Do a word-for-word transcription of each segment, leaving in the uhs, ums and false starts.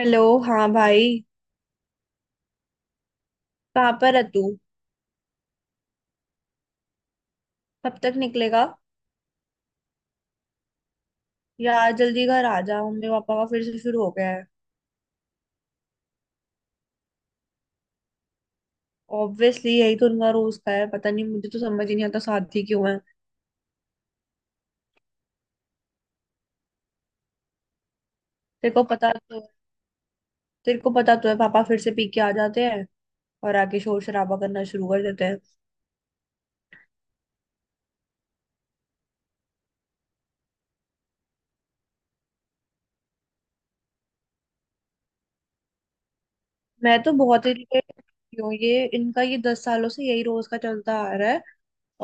Hello. हाँ भाई कहाँ पर है तू? कब तक निकलेगा? यार जल्दी घर आ जा, मम्मी पापा का फिर से शुरू हो गया है। ऑब्वियसली यही तो उनका रोज का है, पता नहीं, मुझे तो समझ ही नहीं आता साथी क्यों है। तेरे को पता तो तेरे को पता तो है पापा फिर से पी के आ जाते हैं और आके शोर शराबा करना शुरू कर देते हैं। मैं तो बहुत इरिटेट हूँ, ये इनका ये दस सालों से यही रोज का चलता आ रहा है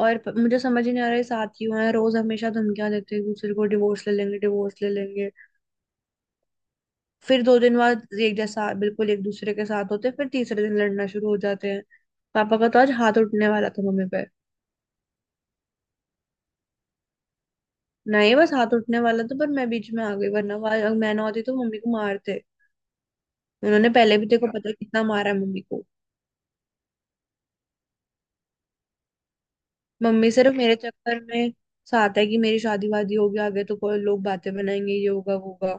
और प- मुझे समझ ही नहीं आ रहा है ये साथ क्यों है। रोज हमेशा धमकियां देते हैं एक दूसरे को, डिवोर्स ले लेंगे डिवोर्स ले लेंगे, फिर दो दिन बाद एक जैसा बिल्कुल एक दूसरे के साथ होते, फिर तीसरे दिन लड़ना शुरू हो जाते हैं। पापा का तो आज हाथ उठने वाला था मम्मी पे। नहीं बस हाथ उठने वाला था, पर मैं बीच में आ गई, वरना वो अगर मैं ना होती तो मम्मी को मारते। उन्होंने पहले भी देखो पता है कितना मारा है मम्मी को। मम्मी सिर्फ मेरे चक्कर में साथ है, कि मेरी शादी वादी होगी आगे तो कोई लोग बातें बनाएंगे, ये होगा वो होगा।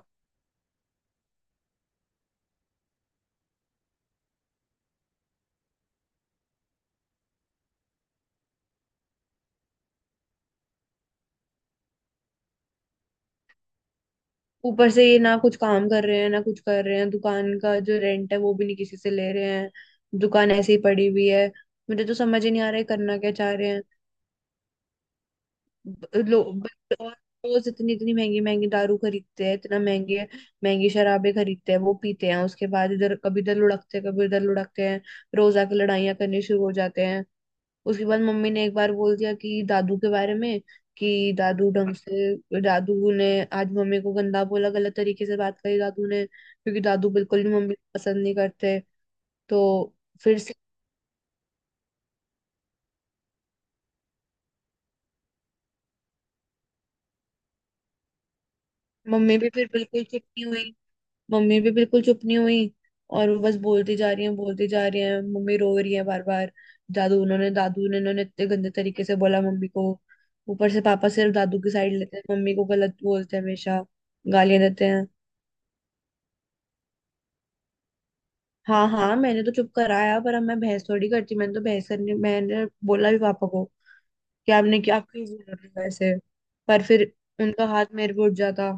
ऊपर से ये ना कुछ काम कर रहे हैं ना कुछ कर रहे हैं, दुकान का जो रेंट है वो भी नहीं किसी से ले रहे हैं, दुकान ऐसे ही पड़ी हुई है। मुझे तो समझ ही नहीं आ रहा है करना क्या चाह रहे हैं। ब- लो ब- और रोज इतनी इतनी महंगी महंगी दारू खरीदते हैं, इतना महंगे महंगी शराबे खरीदते हैं, वो पीते हैं, उसके बाद इधर कभी इधर लुढ़कते हैं कभी उधर लुढ़कते हैं, रोज आके लड़ाइयाँ करनी शुरू हो जाते हैं। उसके बाद मम्मी ने एक बार बोल दिया कि दादू के बारे में, कि दादू ढंग से दादू ने आज मम्मी को गंदा बोला, गलत तरीके से बात करी दादू ने, क्योंकि दादू बिल्कुल भी मम्मी को पसंद नहीं करते। तो फिर से मम्मी भी फिर बिल्कुल चिपकी हुई, मम्मी भी बिल्कुल चुप नहीं हुई और वो बस बोलती जा रही है बोलती जा रही है, मम्मी रो रही है बार बार। दादू उन्होंने दादू ने उन्होंने इतने गंदे तरीके से बोला मम्मी को। ऊपर से पापा सिर्फ दादू की साइड लेते हैं, मम्मी को गलत बोलते हैं हमेशा, गालियां देते हैं। हाँ हाँ मैंने तो चुप कराया, पर अब मैं बहस थोड़ी करती, मैंने तो बहस करने मैंने बोला भी पापा को कि आपने क्या, आप क्यों बोल रहे हो ऐसे, पर फिर उनका हाथ मेरे पे उठ जाता।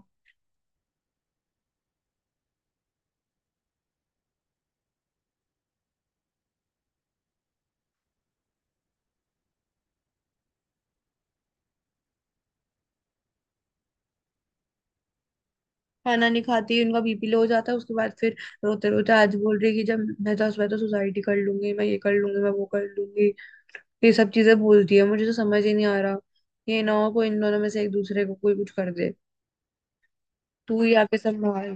खाना नहीं खाती, उनका बीपी लो हो जाता है, उसके बाद फिर रोते रोते आज बोल रही है कि जब मैं दस बार तो सुसाइड कर लूंगी, मैं ये कर लूंगी मैं वो कर लूंगी। ये सब चीजें बोलती है, मुझे तो समझ ही नहीं आ रहा ये ना हो कोई इन दोनों में से एक दूसरे को कोई कुछ कर दे। तू ही आके संभाल।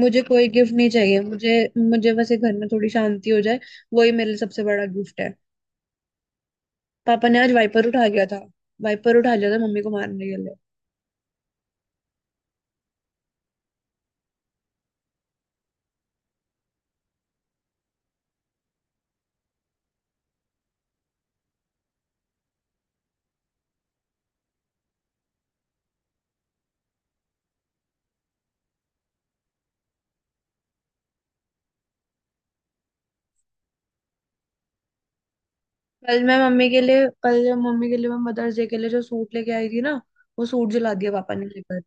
मुझे कोई गिफ्ट नहीं चाहिए, मुझे, मुझे बस ये घर में थोड़ी शांति हो जाए, वही मेरे लिए सबसे बड़ा गिफ्ट है। पापा ने आज वाइपर उठा गया था वाइपर उठा लिया था मम्मी को मारने के लिए। कल मैं मम्मी के लिए कल जब मम्मी के लिए मैं मदर्स डे के लिए जो सूट लेके आई थी ना, वो सूट जला दिया पापा ने लेकर।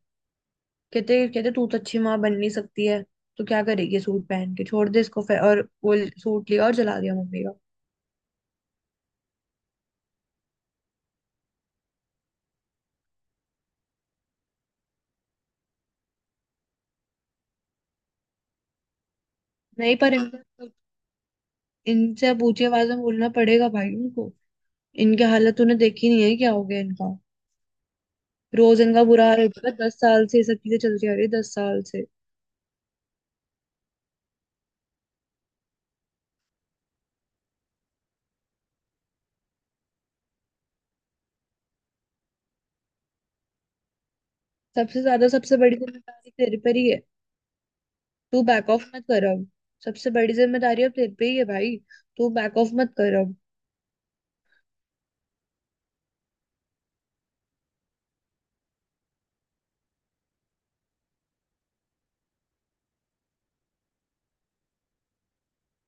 कहते कहते तू तो अच्छी माँ बन नहीं सकती है, तो क्या करेगी सूट पहन के, छोड़ दे इसको, फिर और वो सूट लिया और जला दिया मम्मी का। नहीं पर इनसे इनसे पूछे आवाज में बोलना पड़ेगा भाई उनको, इनकी हालत तूने देखी नहीं है क्या हो गया इनका। रोज इनका बुरा हाल होता है, दस साल से ये सब चीजें चलती आ रही है, दस साल से। सबसे ज्यादा सबसे बड़ी जिम्मेदारी तेरे पर ही है, तू बैक ऑफ मत कर अब। सबसे बड़ी जिम्मेदारी अब तेरे पे ही है भाई, तू बैक ऑफ मत कर अब।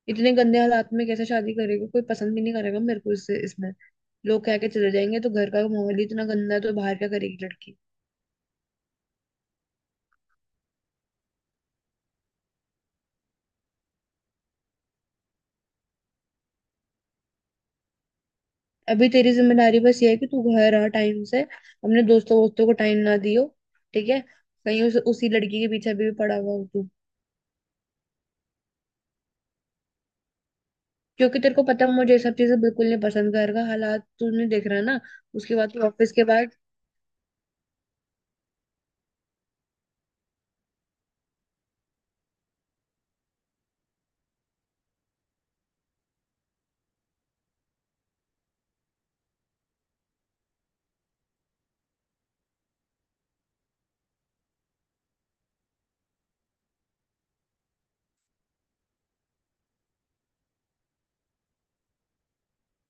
इतने गंदे हालात में कैसे शादी करेगा, कोई पसंद भी नहीं करेगा मेरे को इससे इसमें, लोग कह के चले जाएंगे तो घर का माहौल ही इतना गंदा है, तो बाहर क्या करेगी लड़की। अभी तेरी जिम्मेदारी बस ये है कि तू घर आ टाइम से, अपने दोस्तों वोस्तों को टाइम ना दियो, ठीक है। कहीं उस, उसी लड़की के पीछे भी पड़ा हुआ हो तू, क्योंकि तेरे को पता है मुझे ये सब चीजें बिल्कुल नहीं पसंद, घर का हालात तूने देख रहा है ना। उसके बाद तू ऑफिस के बाद।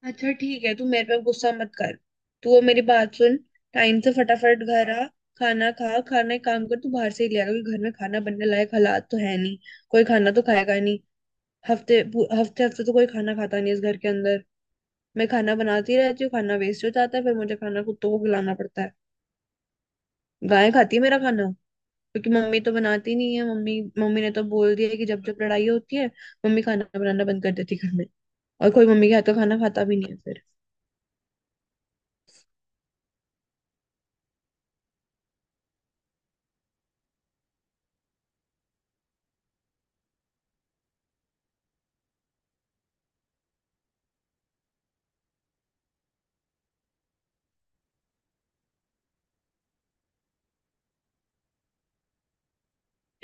अच्छा ठीक है, तू मेरे पे गुस्सा मत कर, तू वो मेरी बात सुन, टाइम से फटाफट घर आ, खाना खा। खाना एक काम कर तू बाहर से ही ले आ, क्योंकि घर में खाना बनने लायक हालात तो है नहीं, कोई खाना तो खाएगा नहीं। हफ्ते पू- हफ्ते हफ्ते तो कोई खाना खाता नहीं इस घर के अंदर, मैं खाना बनाती रहती हूँ, खाना वेस्ट हो जाता है, फिर मुझे खाना कुत्तों को खिलाना पड़ता है, गाय खाती है मेरा खाना। क्योंकि मम्मी तो बनाती नहीं है, मम्मी मम्मी ने तो बोल दिया है कि जब जब लड़ाई होती है मम्मी खाना बनाना बंद कर देती है घर में, और कोई मम्मी के हाथ का खाना खाता भी नहीं है फिर।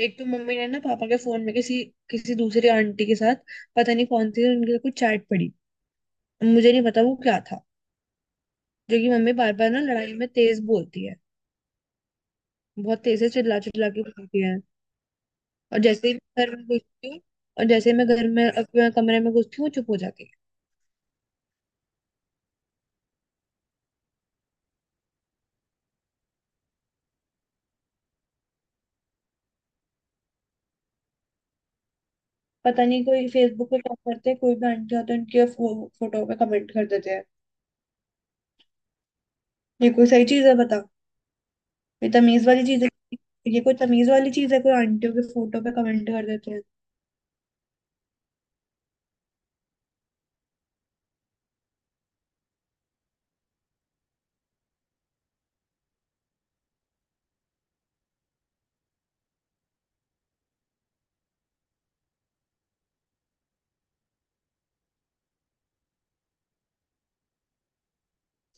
एक तो मम्मी ने ना पापा के फोन में किसी किसी दूसरी आंटी के साथ, पता नहीं कौन थी उनके साथ, कुछ चैट पड़ी, मुझे नहीं पता वो क्या था, जो कि मम्मी बार बार ना लड़ाई में तेज बोलती है, बहुत तेज से चिल्ला चिल्ला के बोलती है। और जैसे ही मैं घर में घुसती हूँ और जैसे ही मैं घर में अपने कमरे में घुसती हूँ वो चुप हो जाती है। पता नहीं कोई फेसबुक पे टॉप करते हैं, कोई भी आंटी होती है उनके फो, फोटो पे कमेंट कर देते हैं, ये कोई सही चीज है बता? ये तमीज वाली चीज है? ये कोई तमीज वाली चीज है कोई आंटियों के फोटो पे कमेंट कर देते हैं?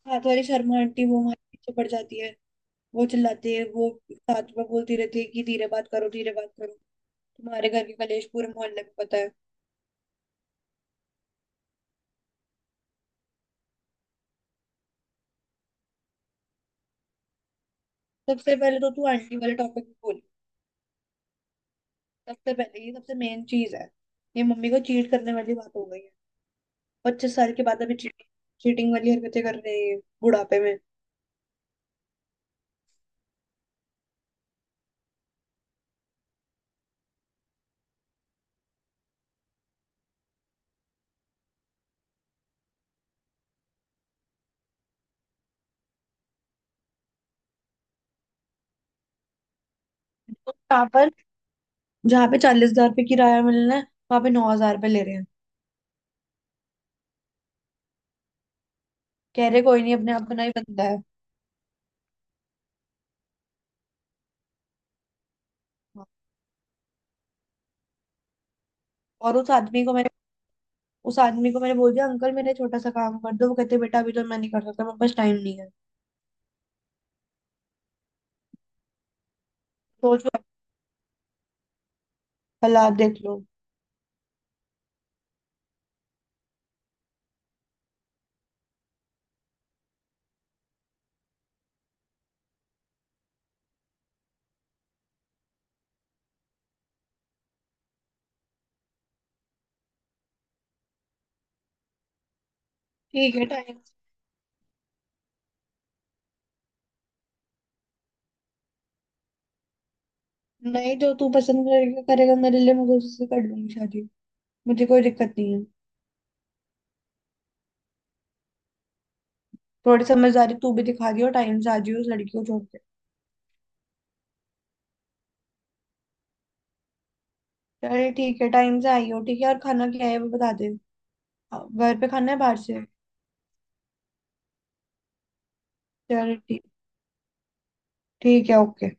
हाथ वाली शर्मा आंटी वो हमारे पीछे पड़ जाती है, वो चिल्लाती है, वो साथ में बोलती रहती है कि धीरे बात करो धीरे बात करो, तुम्हारे घर के कलेश पूरे मोहल्ले में पता है। सबसे पहले तो तू आंटी वाले टॉपिक पे बोल, सबसे पहले ये सबसे मेन चीज है, ये मम्मी को चीट करने वाली बात हो गई है। पच्चीस साल के बाद अभी चीटिंग, चीटिंग वाली हरकतें कर रहे हैं बुढ़ापे में। जहाँ पर जहाँ पे चालीस हजार रुपये किराया मिलना है वहां पे नौ हजार रुपये ले रहे हैं, कह रहे कोई नहीं अपने अपना ही बंदा है। और उस आदमी को मैंने उस आदमी को मैंने बोल दिया, अंकल मेरा छोटा सा काम कर दो, वो कहते बेटा अभी तो मैं नहीं कर सकता, मेरे पास टाइम नहीं है। सोचो, कल आप देख लो। ठीक है टाइम, नहीं जो तू पसंद करेगा, करेगा मेरे लिए, मैं उससे कर लूंगी शादी, मुझे कोई दिक्कत नहीं है। थोड़ी समझदारी तू भी दिखा दियो, टाइम से आ जियो, उस लड़की को छोड़ के। चल ठीक है, टाइम से आई हो, ठीक है, और खाना क्या है वो बता दे। हाँ, घर पे खाना है बाहर से। चल ठीक, ठीक है, ओके।